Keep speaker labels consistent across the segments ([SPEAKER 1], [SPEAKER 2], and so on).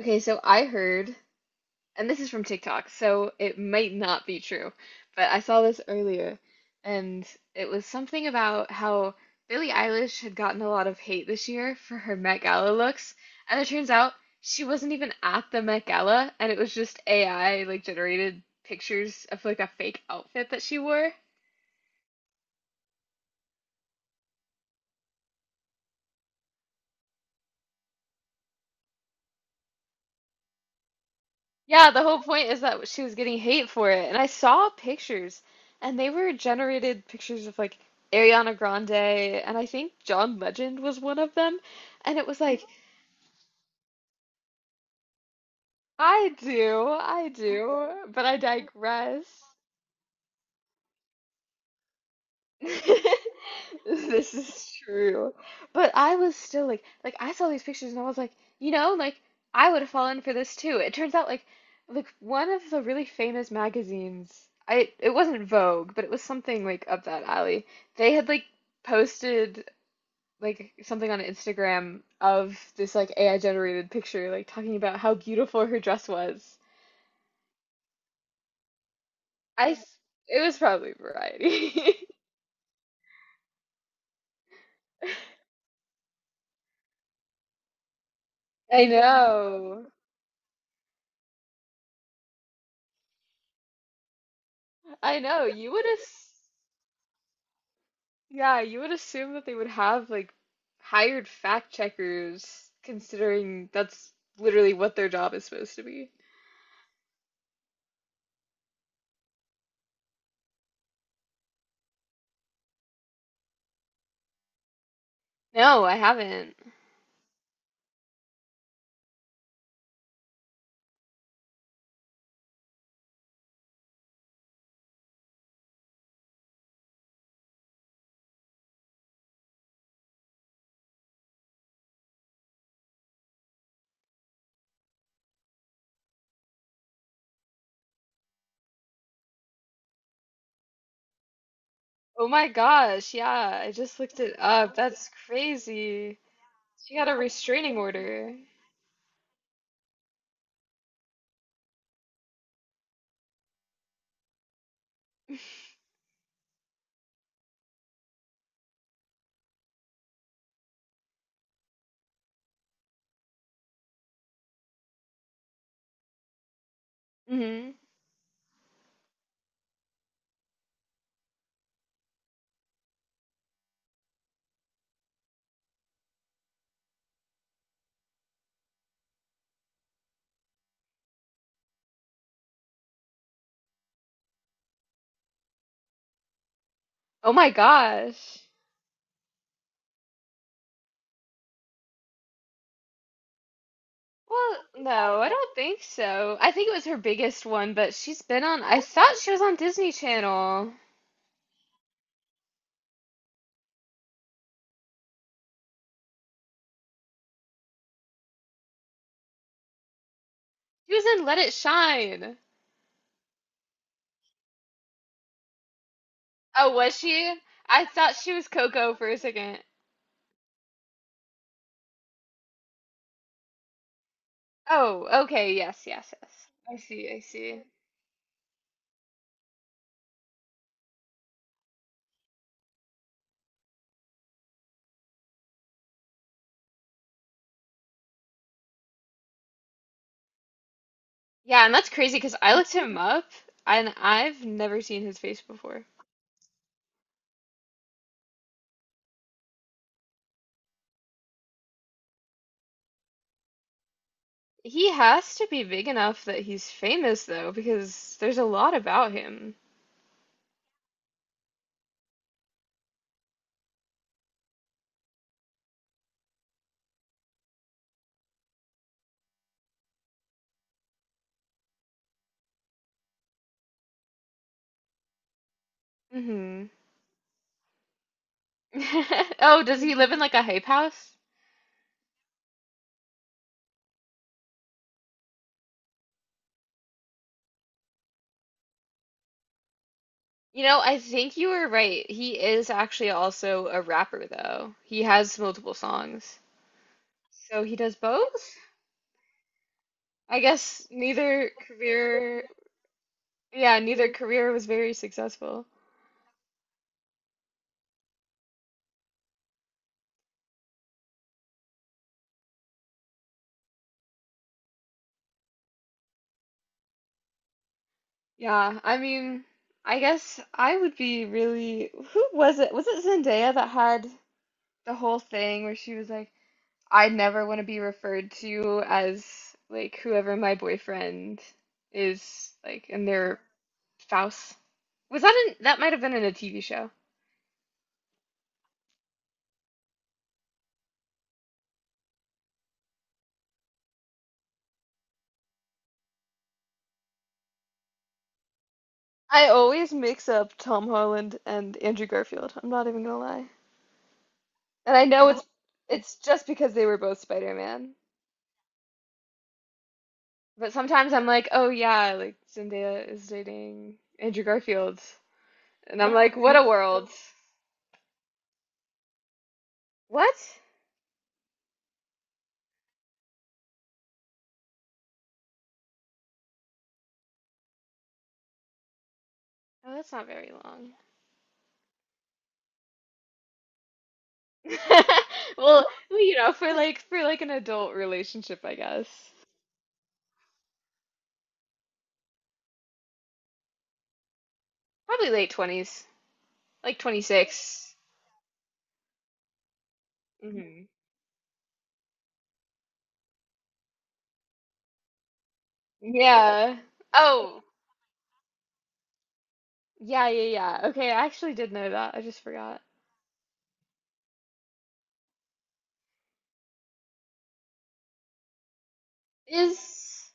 [SPEAKER 1] Okay, so I heard, and this is from TikTok, so it might not be true, but I saw this earlier, and it was something about how Billie Eilish had gotten a lot of hate this year for her Met Gala looks, and it turns out she wasn't even at the Met Gala, and it was just AI like generated pictures of like a fake outfit that she wore. Yeah, the whole point is that she was getting hate for it. And I saw pictures, and they were generated pictures of like Ariana Grande, and I think John Legend was one of them. And it was like, I do, but I digress. This is true. But I was still like I saw these pictures and I was like, like I would have fallen for this too. It turns out like one of the really famous magazines, I it wasn't Vogue, but it was something like up that alley. They had like posted like something on Instagram of this like AI generated picture like talking about how beautiful her dress was. I s- it was probably Variety. I know. I know. You would have. Yeah, you would assume that they would have like hired fact checkers, considering that's literally what their job is supposed to be. No, I haven't. Oh my gosh, yeah, I just looked it up. That's crazy. She got a restraining order. Hmm. Oh my gosh. Well, no, I don't think so. I think it was her biggest one, but she's been on, I thought she was on Disney Channel. She was in Let It Shine. Oh, was she? I thought she was Coco for a second. Oh, okay. Yes, yes, yes. I see, I see. Yeah, and that's crazy because I looked him up and I've never seen his face before. He has to be big enough that he's famous though, because there's a lot about him. Mm-hmm. Oh, does he live in like a hype house? You know, I think you were right. He is actually also a rapper though. He has multiple songs. So he does both? I guess neither career, yeah, neither career was very successful. Yeah, I mean, I guess I would be really. Who was it? Was it Zendaya that had the whole thing where she was like, I never want to be referred to as like whoever my boyfriend is, like, and their spouse? Was that in, that might have been in a TV show. I always mix up Tom Holland and Andrew Garfield. I'm not even gonna lie. And I know it's just because they were both Spider-Man. But sometimes I'm like, oh yeah, like Zendaya is dating Andrew Garfield. And I'm like, what a world. What? Oh, that's not very long. Well, you know, for like an adult relationship, I guess. Probably late 20s, like 26. Hmm. Yeah. Oh, yeah, yeah, yeah. Okay, I actually did know that. I just forgot. Is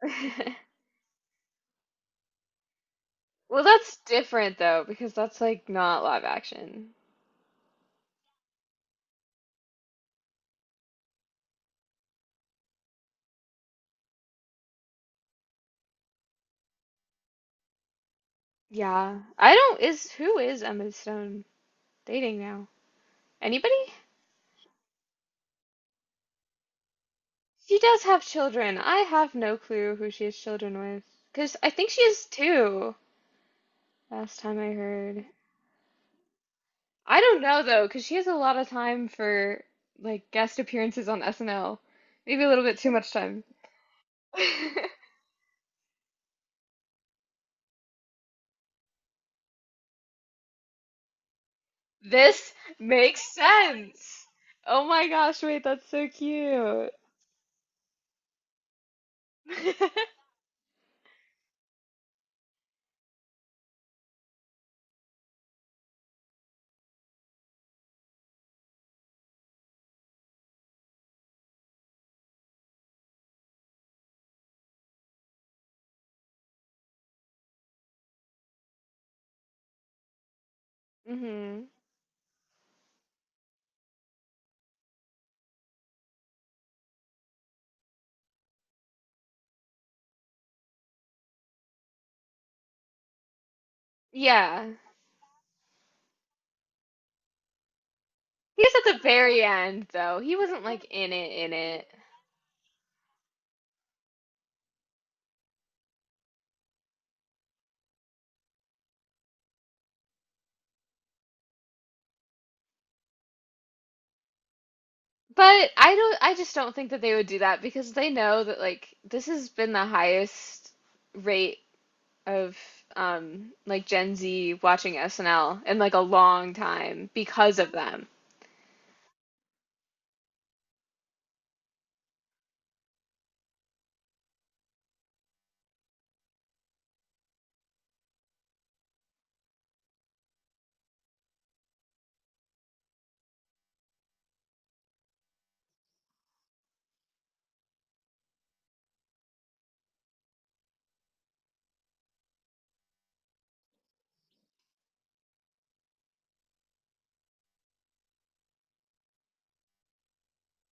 [SPEAKER 1] well, that's different though, because that's like not live action. Yeah. I don't is who is Emma Stone dating now? Anybody? She does have children. I have no clue who she has children with. 'Cause I think she has two, last time I heard. I don't know though, 'cause she has a lot of time for like guest appearances on SNL. Maybe a little bit too much time. This makes sense. Oh my gosh, wait, that's so cute. Mm-hmm. Yeah. He was at the very end though. He wasn't like in it in it. But I just don't think that they would do that because they know that like this has been the highest rate of like Gen Z watching SNL in like a long time because of them.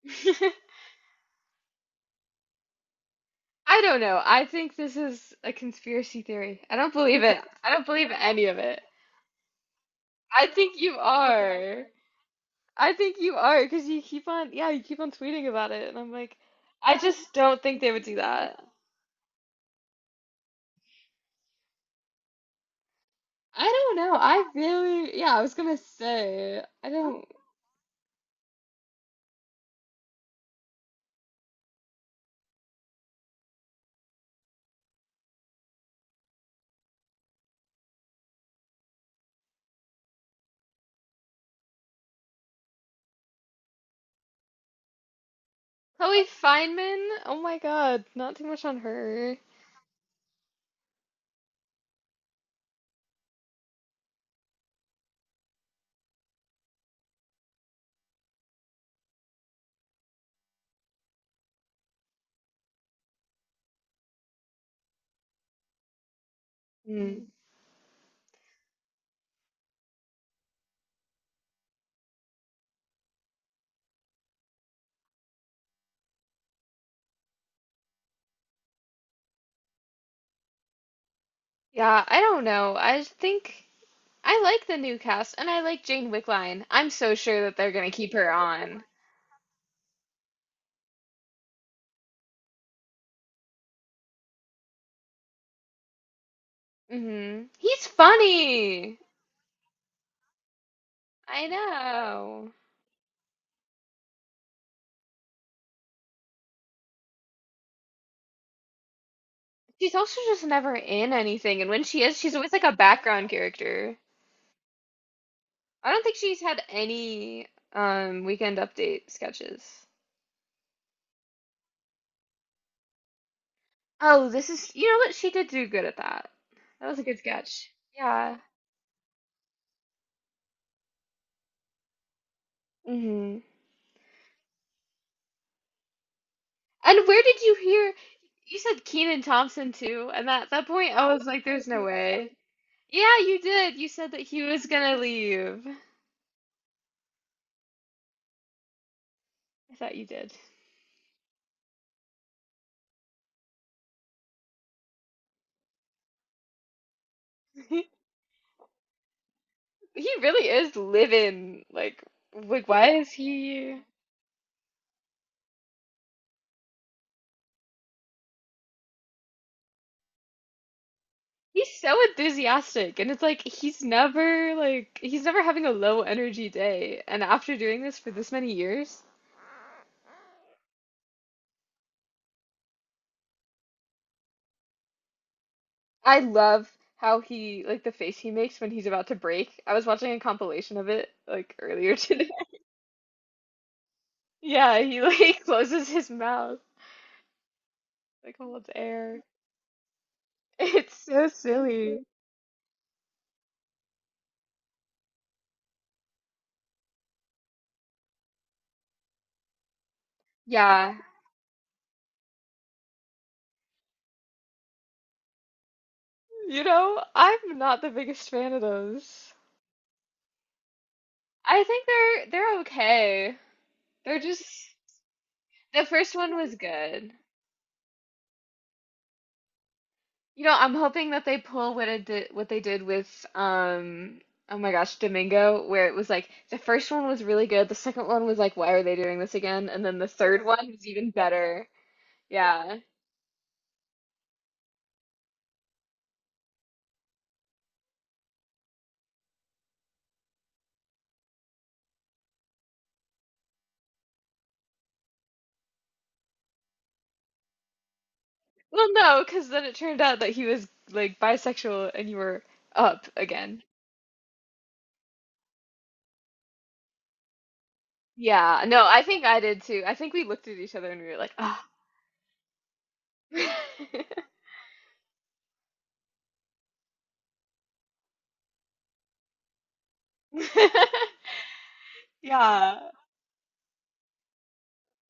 [SPEAKER 1] I don't know. I think this is a conspiracy theory. I don't believe it. I don't believe any of it. I think you are. I think you are because you keep on, yeah, you keep on tweeting about it, and I'm like, I just don't think they would do that. I don't know. Yeah, I was gonna say, I don't. Chloe Fineman, oh my God, not too much on her. Mm. Yeah, I don't know. I just think I like the new cast, and I like Jane Wickline. I'm so sure that they're gonna keep her on. Hmm. He's funny. I know. She's also just never in anything, and when she is, she's always like a background character. I don't think she's had any weekend update sketches. Oh, this is you know what? She did do good at that. That was a good sketch. Yeah. Hmm. And where did you hear? You said Keenan Thompson too, and at that point I was like, there's no way. Yeah, you did. You said that he was gonna leave. I thought you did. He really is living like why is he? He's so enthusiastic, and it's like he's never he's never having a low energy day. And after doing this for this many years, I love how he like the face he makes when he's about to break. I was watching a compilation of it like earlier today. Yeah, he like closes his mouth, like holds air. It's so silly. Yeah. You know, I'm not the biggest fan of those. I think they're okay. They're just the first one was good. You know, I'm hoping that they pull what it did, what they did with oh my gosh, Domingo, where it was like the first one was really good, the second one was like, why are they doing this again? And then the third one was even better. Yeah. Well, no, because then it turned out that he was like bisexual and you were up again. Yeah, no, I think I did too. I think we looked at each other and we were like, ah. Yeah.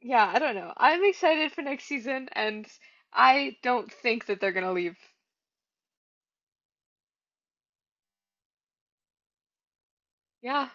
[SPEAKER 1] Yeah, I don't know. I'm excited for next season, and I don't think that they're gonna leave. Yeah,